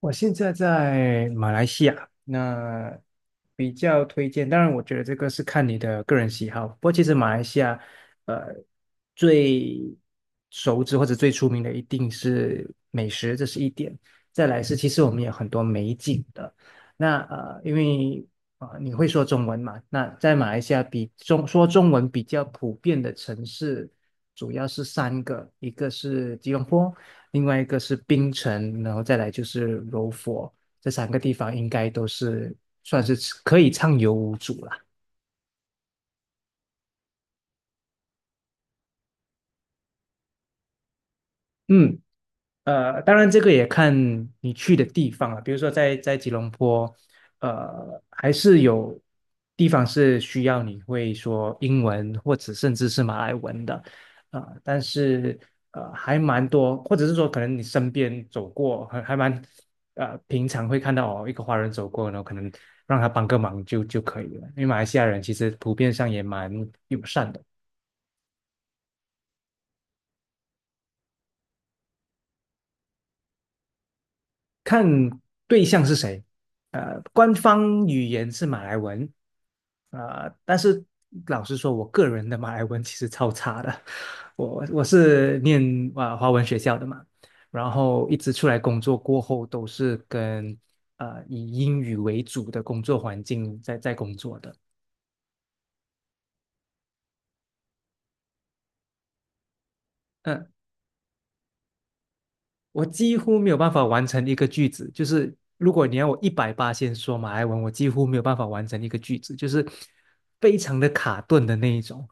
我现在在马来西亚，那比较推荐。当然，我觉得这个是看你的个人喜好。不过，其实马来西亚，呃，最熟知或者最出名的一定是美食，这是一点。再来是，其实我们有很多美景的。那因为你会说中文嘛？那在马来西亚说中文比较普遍的城市，主要是三个，一个是吉隆坡。另外一个是槟城，然后再来就是柔佛，这三个地方应该都是算是可以畅游无阻啦。嗯。当然这个也看你去的地方了。比如说在吉隆坡，还是有地方是需要你会说英文或者甚至是马来文的，但是还蛮多，或者是说可能你身边走过，还蛮平常会看到哦，一个华人走过，然后可能让他帮个忙就可以了。因为马来西亚人其实普遍上也蛮友善的。看对象是谁。官方语言是马来文，但是老实说，我个人的马来文其实超差的。我是念华文学校的嘛，然后一直出来工作过后都是跟以英语为主的工作环境在工作的。嗯、我几乎没有办法完成一个句子，就是如果你要我一百八先说马来文，我几乎没有办法完成一个句子，就是非常的卡顿的那一种。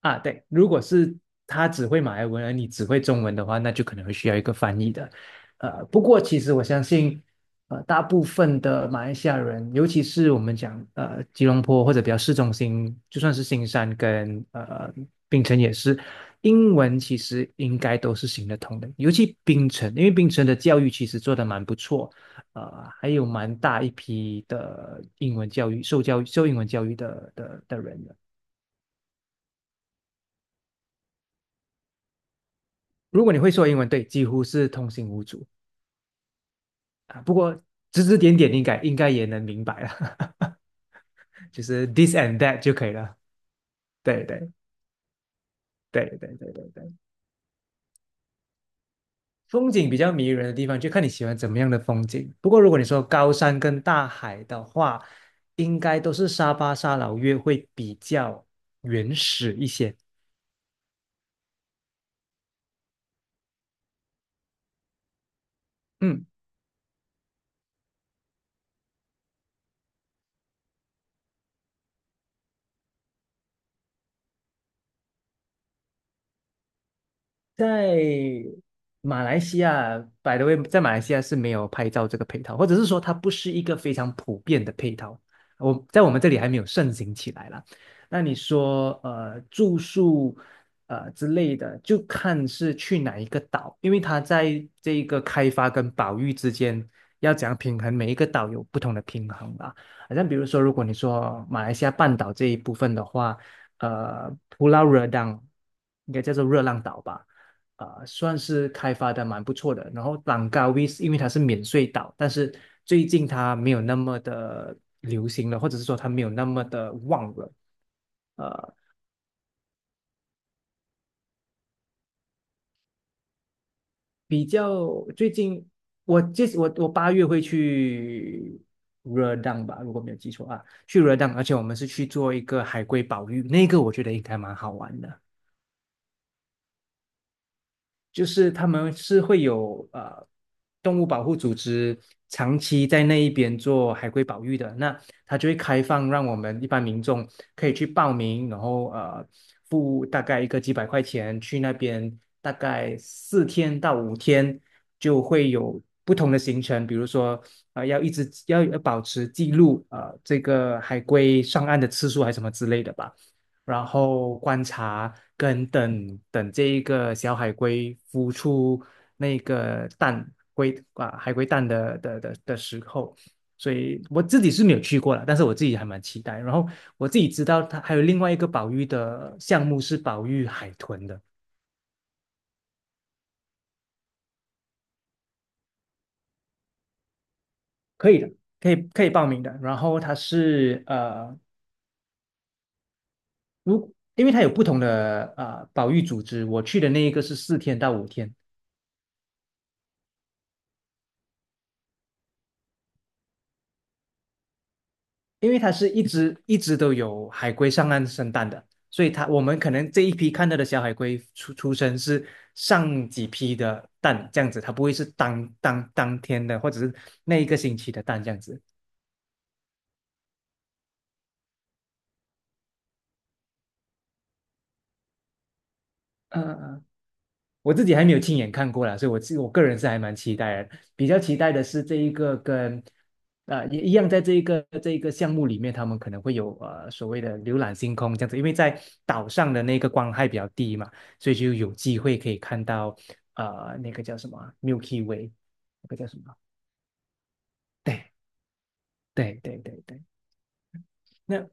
啊，对，如果是他只会马来文，而你只会中文的话，那就可能会需要一个翻译的。不过其实我相信，大部分的马来西亚人，尤其是我们讲吉隆坡或者比较市中心，就算是新山跟槟城也是，英文其实应该都是行得通的。尤其槟城，因为槟城的教育其实做得蛮不错，还有蛮大一批的英文教育受教育受英文教育的人的。如果你会说英文，对，几乎是通行无阻啊。不过指指点点应该也能明白了，就是 this and that 就可以了。对对对对对对对，风景比较迷人的地方，就看你喜欢怎么样的风景。不过如果你说高山跟大海的话，应该都是沙巴、沙劳越会比较原始一些。嗯。在马来西亚在马来西亚是没有拍照这个配套，或者是说它不是一个非常普遍的配套。我们这里还没有盛行起来啦。那你说，住宿，之类的，就看是去哪一个岛，因为它在这一个开发跟保育之间要怎样平衡，每一个岛有不同的平衡吧。好像比如说，如果你说马来西亚半岛这一部分的话，Pulau Redang 应该叫做热浪岛吧。算是开发的蛮不错的。然后朗高 w i s 因为它是免税岛，但是最近它没有那么的流行了，或者是说它没有那么的旺了。比较最近，我这我我8月会去热浪吧，如果没有记错啊，去热浪，而且我们是去做一个海龟保育，那个我觉得应该蛮好玩的。就是他们是会有动物保护组织长期在那一边做海龟保育的，那他就会开放让我们一般民众可以去报名，然后付大概一个几百块钱去那边，大概四天到五天就会有不同的行程，比如说要一直要保持记录这个海龟上岸的次数还是什么之类的吧。然后观察跟等等这一个小海龟孵出那个蛋龟啊海龟蛋的时候，所以我自己是没有去过了，但是我自己还蛮期待。然后我自己知道它还有另外一个保育的项目是保育海豚的，可以的，可以报名的。然后它是因为它有不同的保育组织，我去的那一个是四天到五天。因为它是一直一直都有海龟上岸生蛋的，所以我们可能这一批看到的小海龟出生是上几批的蛋这样子，它不会是当天的或者是那一个星期的蛋这样子。嗯嗯己还没有亲眼看过啦，所以我自我个人是还蛮期待的。比较期待的是这一个跟，也一样，在这一个项目里面，他们可能会有所谓的浏览星空这样子，因为在岛上的那个光害比较低嘛，所以就有机会可以看到那个叫什么啊 Milky Way，那个叫什么？对对对对对，那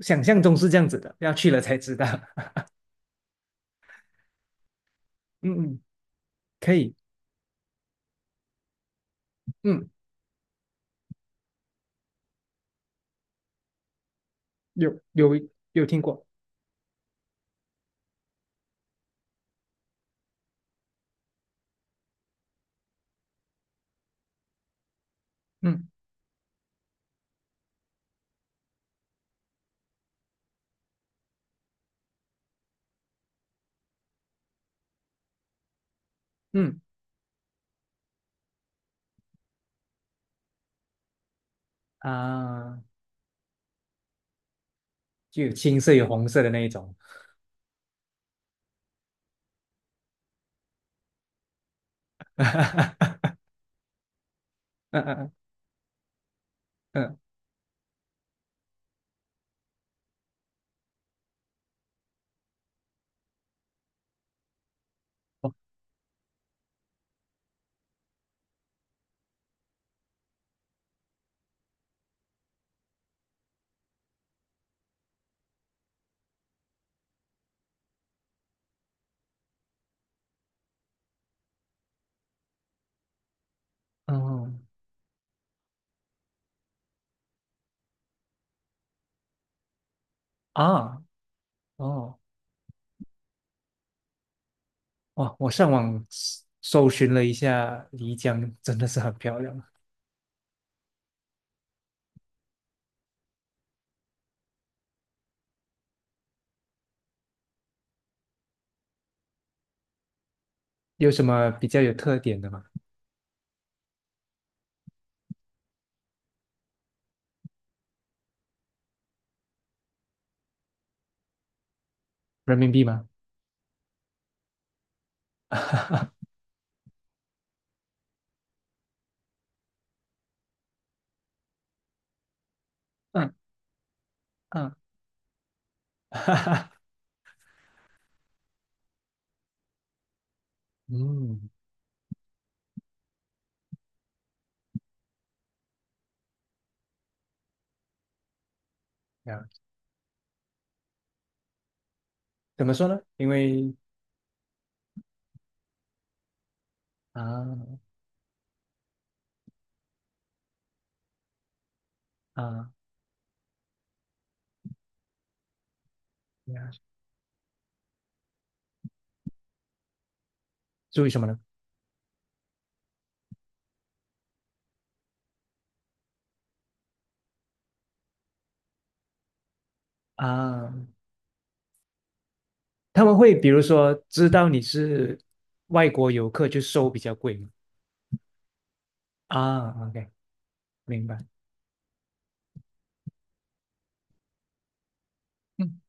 想象中是这样子的，要去了才知道。嗯嗯，可以，嗯，有有有听过，嗯嗯啊。就有青色有红色的那一种。嗯嗯嗯嗯，哦，嗯啊，哦，哇！我上网搜寻了一下，漓江真的是很漂亮。有什么比较有特点的吗？人民币吗？嗯嗯，嗯，呀，怎么说呢？因为啊啊呀，注意什么呢？啊，他们会比如说知道你是外国游客，就收比较贵吗？啊，OK，明白。嗯。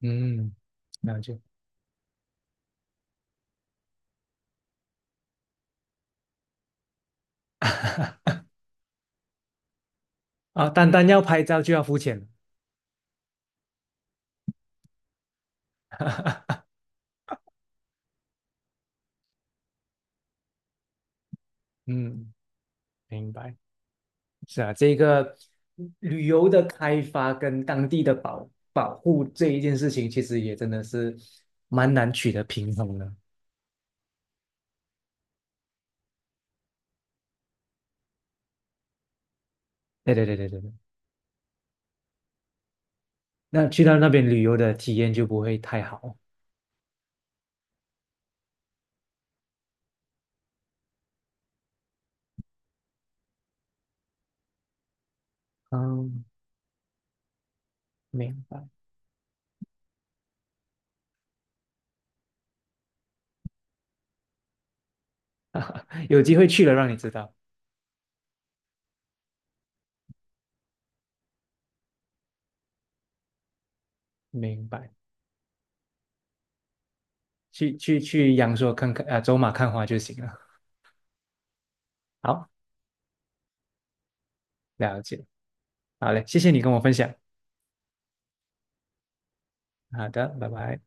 嗯，了解。啊，单单要拍照就要付钱。嗯，明白。是啊，这个旅游的开发跟当地的保护这一件事情，其实也真的是蛮难取得平衡的。对对对对对对，那去到那边旅游的体验就不会太好。嗯，明白。有机会去了让你知道。明白。去阳朔看看啊，走马看花就行了。好，了解。好嘞，谢谢你跟我分享。好的，拜拜。